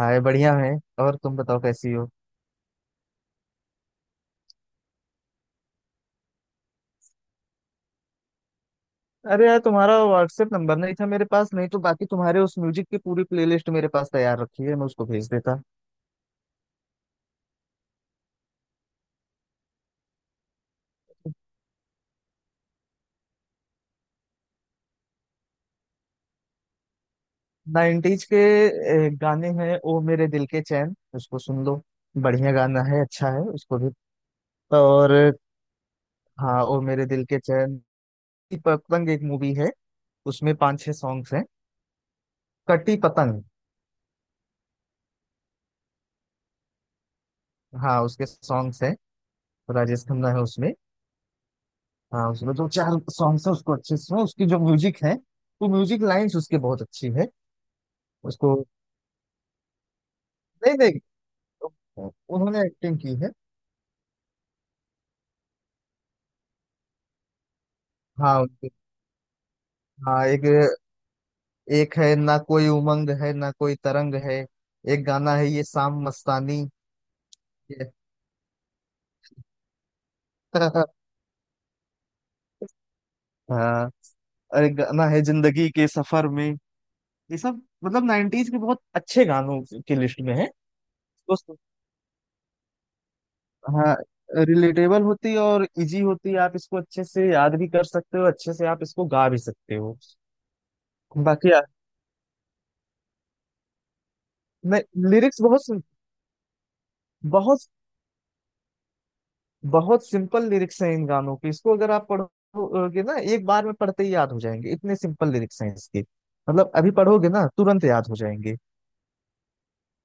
हाय, बढ़िया है। और तुम बताओ कैसी हो। अरे यार, तुम्हारा व्हाट्सएप नंबर नहीं था मेरे पास, नहीं तो बाकी तुम्हारे उस म्यूजिक की पूरी प्लेलिस्ट मेरे पास तैयार रखी है, मैं उसको भेज देता। नाइन्टीज के गाने हैं, ओ मेरे दिल के चैन, उसको सुन लो। बढ़िया गाना है, अच्छा है उसको भी। और हाँ, ओ मेरे दिल के चैन। कटी पतंग एक मूवी है, उसमें पांच छह सॉन्ग्स हैं। कटी पतंग। हाँ, उसके सॉन्ग्स हैं। राजेश खन्ना है उसमें। हाँ, उसमें जो चार सॉन्ग्स है उसको अच्छे से सुनो, उसकी जो म्यूजिक है, वो म्यूजिक लाइंस उसके बहुत अच्छी है। उसको। नहीं नहीं, उन्होंने एक्टिंग की है। हाँ। हाँ। एक एक है ना, कोई उमंग है ना कोई तरंग है। एक गाना है ये शाम मस्तानी। ये- हाँ। और एक गाना है जिंदगी के सफर में। ये सब मतलब नाइनटीज के बहुत अच्छे गानों की लिस्ट में है। हाँ, रिलेटेबल होती है और इजी होती है, आप इसको अच्छे से याद भी कर सकते हो, अच्छे से आप इसको गा भी सकते हो। बाकी मैं लिरिक्स बहुत सिं- बहुत बहुत सिंपल लिरिक्स हैं इन गानों के, इसको अगर आप पढ़ोगे ना, एक बार में पढ़ते ही याद हो जाएंगे, इतने सिंपल लिरिक्स हैं इसके। मतलब अभी पढ़ोगे ना तुरंत याद हो जाएंगे।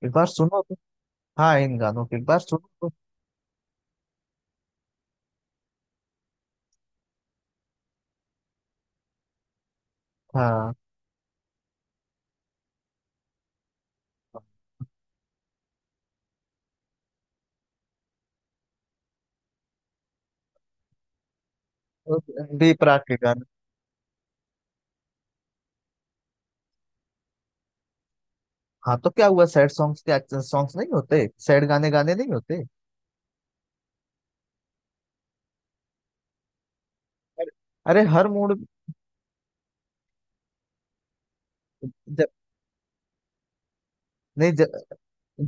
एक बार सुनो तो। हाँ, इन गानों के एक बार सुनो तो। हाँ। तो बी प्राक के गाने। हाँ, तो क्या हुआ? सैड सॉन्ग्स क्या सॉन्ग्स नहीं होते? सैड गाने गाने नहीं होते? अरे, हर मूड। जब नहीं जब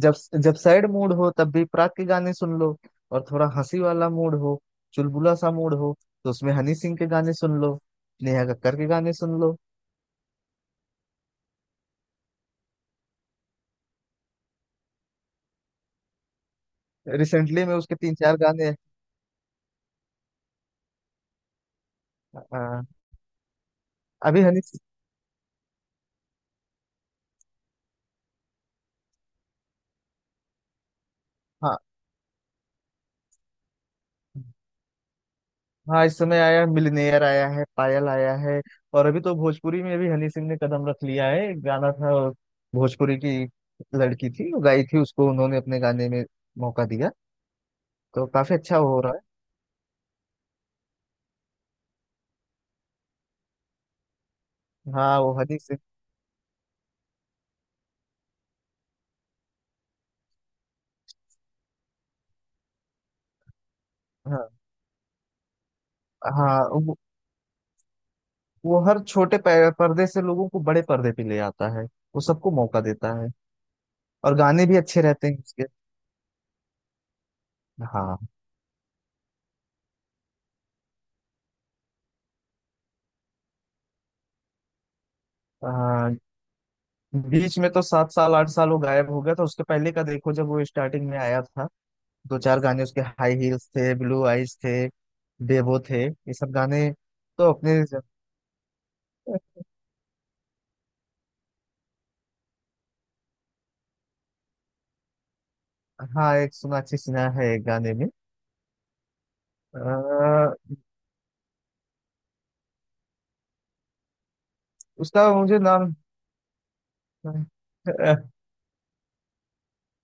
जब जब सैड मूड हो तब भी प्राक के गाने सुन लो। और थोड़ा हंसी वाला मूड हो, चुलबुला सा मूड हो, तो उसमें हनी सिंह के गाने सुन लो, नेहा कक्कड़ के गाने सुन लो। रिसेंटली में उसके तीन चार गाने। अ, अभी हनी सिंह। हाँ। हाँ, इस समय आया मिलनेयर आया है, पायल आया है। और अभी तो भोजपुरी में भी हनी सिंह ने कदम रख लिया है, एक गाना था, भोजपुरी की लड़की थी, वो गाई थी, उसको उन्होंने अपने गाने में मौका दिया। तो काफी अच्छा हो रहा है। हाँ, वो हनी सिंह। हाँ। हाँ वो हर छोटे पर्दे से लोगों को बड़े पर्दे पे ले आता है। वो सबको मौका देता है। और गाने भी अच्छे रहते हैं उसके। हाँ। आ, बीच में तो सात साल आठ साल वो गायब हो गया था, उसके पहले का देखो, जब वो स्टार्टिंग में आया था, दो चार गाने उसके, हाई हील्स थे, ब्लू आइज थे, बेबो थे, ये सब गाने। तो अपने। हाँ, एक सोनाक्षी सिन्हा है एक गाने में। आ, उसका मुझे नाम।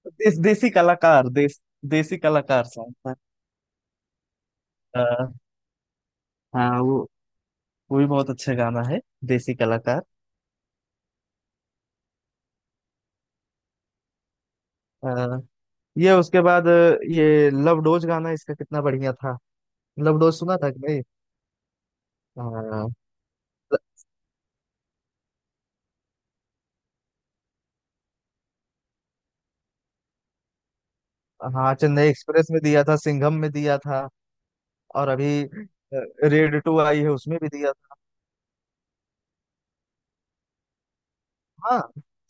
देश, देसी कलाकार, देश देसी कलाकार सॉन्ग था। हाँ, वो भी बहुत अच्छा गाना है। देसी कलाकार। अ, ये उसके बाद ये लव डोज गाना, इसका कितना बढ़िया था। लव डोज सुना था कि नहीं। हाँ। ल- हाँ, चेन्नई एक्सप्रेस में दिया था, सिंघम में दिया था। और अभी रेड टू आई है, उसमें भी दिया था। हाँ,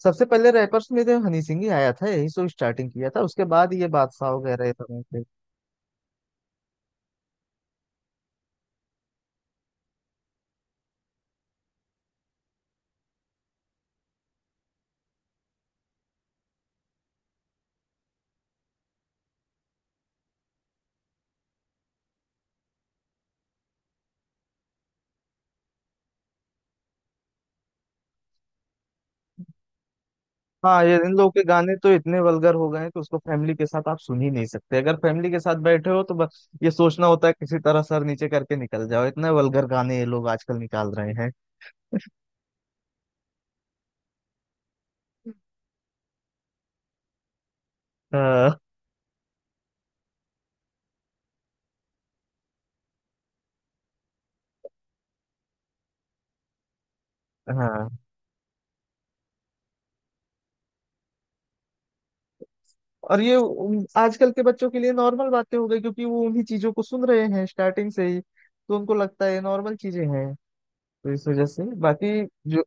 सबसे पहले रैपर्स में तो हनी सिंह ही आया था, यही सो स्टार्टिंग किया था, उसके बाद ये बादशाह वगैरह ये सब। हाँ, ये इन लोगों के गाने तो इतने वल्गर हो गए हैं कि उसको फैमिली के साथ आप सुन ही नहीं सकते अगर फैमिली के साथ बैठे हो तो बस ये सोचना होता है किसी तरह सर नीचे करके निकल जाओ इतने वल्गर गाने ये लोग आजकल निकाल रहे हैं अ, हाँ और ये आजकल के बच्चों के लिए नॉर्मल बातें हो गई, क्योंकि वो उन्हीं चीजों को सुन रहे हैं स्टार्टिंग से ही, तो उनको लगता है ये नॉर्मल चीजें हैं। तो इस वजह से बाकी जो।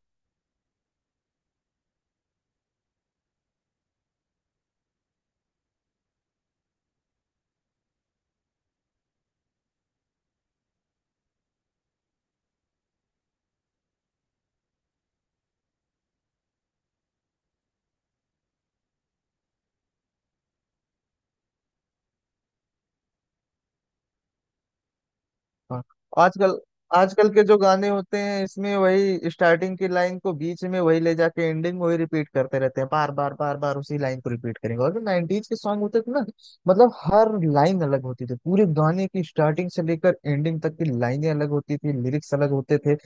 हाँ, आजकल आजकल के जो गाने होते हैं, इसमें वही स्टार्टिंग की लाइन को बीच में वही ले जाके एंडिंग वही रिपीट करते रहते हैं, बार बार बार बार उसी लाइन को रिपीट करेंगे। और जो 90s के सॉन्ग होते थे ना, मतलब हर लाइन अलग होती थी, पूरे गाने की स्टार्टिंग से लेकर एंडिंग तक की लाइनें अलग होती थी, लिरिक्स अलग होते थे।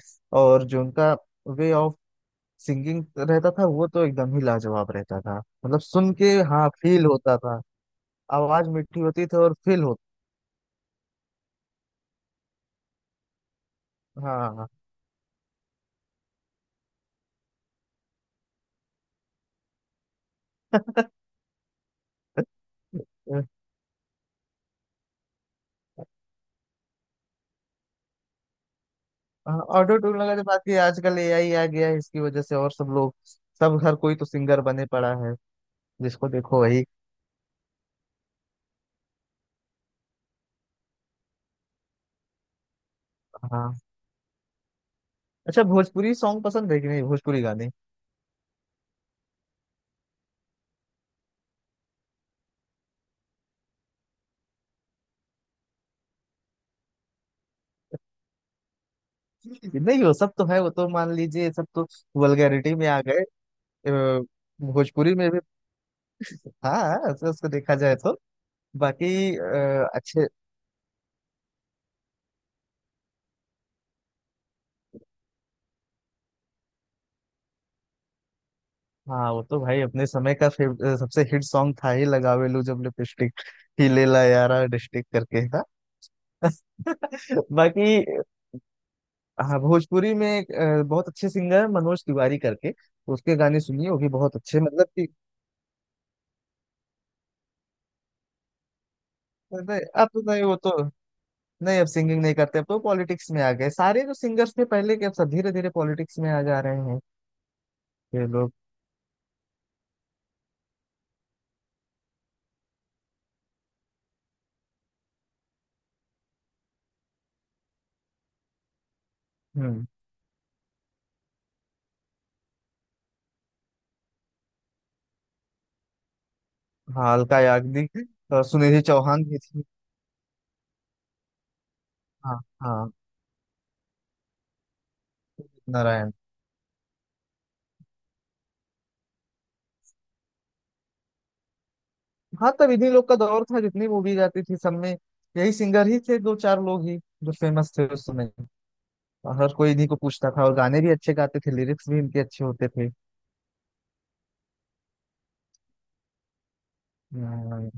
और जो उनका वे ऑफ सिंगिंग रहता था, वो तो एकदम ही लाजवाब रहता था। मतलब सुन के हाँ फील होता था। आवाज मीठी होती थी और फील होता। हाँ। ऑटो ट्यून लगा, तो बाकी आजकल एआई आ गया है, इसकी वजह से और सब लोग, सब, हर कोई तो सिंगर बने पड़ा है। जिसको देखो वही। हाँ, अच्छा, भोजपुरी सॉन्ग पसंद है कि नहीं? भोजपुरी गाने? नहीं, वो सब तो है, वो तो मान लीजिए सब तो वल्गैरिटी में आ गए। अ, भोजपुरी में भी। हाँ, ऐसे उसको देखा जाए तो। बाकी अच्छे। हाँ, वो तो भाई अपने समय का सबसे हिट सॉन्ग था ही, लगावे लू जब लिपस्टिक, ही ले ला यारा डिस्टिक करके था। बाकी। हाँ, भोजपुरी में एक बहुत अच्छे सिंगर है मनोज तिवारी करके, उसके गाने सुनिए, वो भी बहुत अच्छे, मतलब कि। नहीं, अब तो नहीं, वो तो। नहीं, अब सिंगिंग नहीं करते, अब तो पॉलिटिक्स में आ गए, सारे जो सिंगर्स थे पहले के, अब सब धीरे धीरे पॉलिटिक्स में आ जा रहे हैं। ये लोग। हम्म। हाँ, अलका याग्निक। और सुनिधि चौहान भी थी। हाँ। हाँ, नारायण। हाँ, तब इन्हीं लोग का दौर था, जितनी मूवीज आती थी सब में यही सिंगर ही थे, दो चार लोग ही जो फेमस थे उस समय। और हर कोई इन्हीं को पूछता था, और गाने भी अच्छे गाते थे, लिरिक्स भी इनके अच्छे होते थे। हाँ,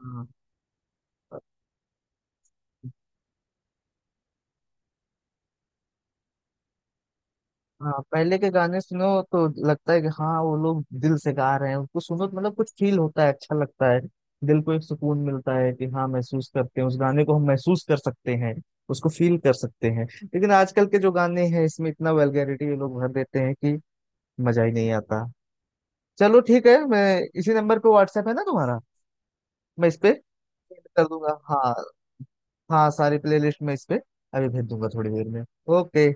हाँ, हाँ, पहले के गाने सुनो तो लगता है कि हाँ, वो लोग दिल से गा रहे हैं, उनको सुनो तो मतलब कुछ फील होता है, अच्छा लगता है। दिल को एक सुकून मिलता है कि हाँ, महसूस करते हैं, उस गाने को हम महसूस कर सकते हैं, उसको फील कर सकते हैं। लेकिन आजकल के जो गाने हैं, इसमें इतना वल्गैरिटी ये लोग भर देते हैं कि मजा ही नहीं आता। चलो, ठीक है, मैं इसी नंबर पे, व्हाट्सएप है ना तुम्हारा? मैं इस पे send कर दूंगा, हाँ। हाँ, सारी प्लेलिस्ट मैं इस पे अभी भेज दूंगा, थोड़ी देर में। ओके।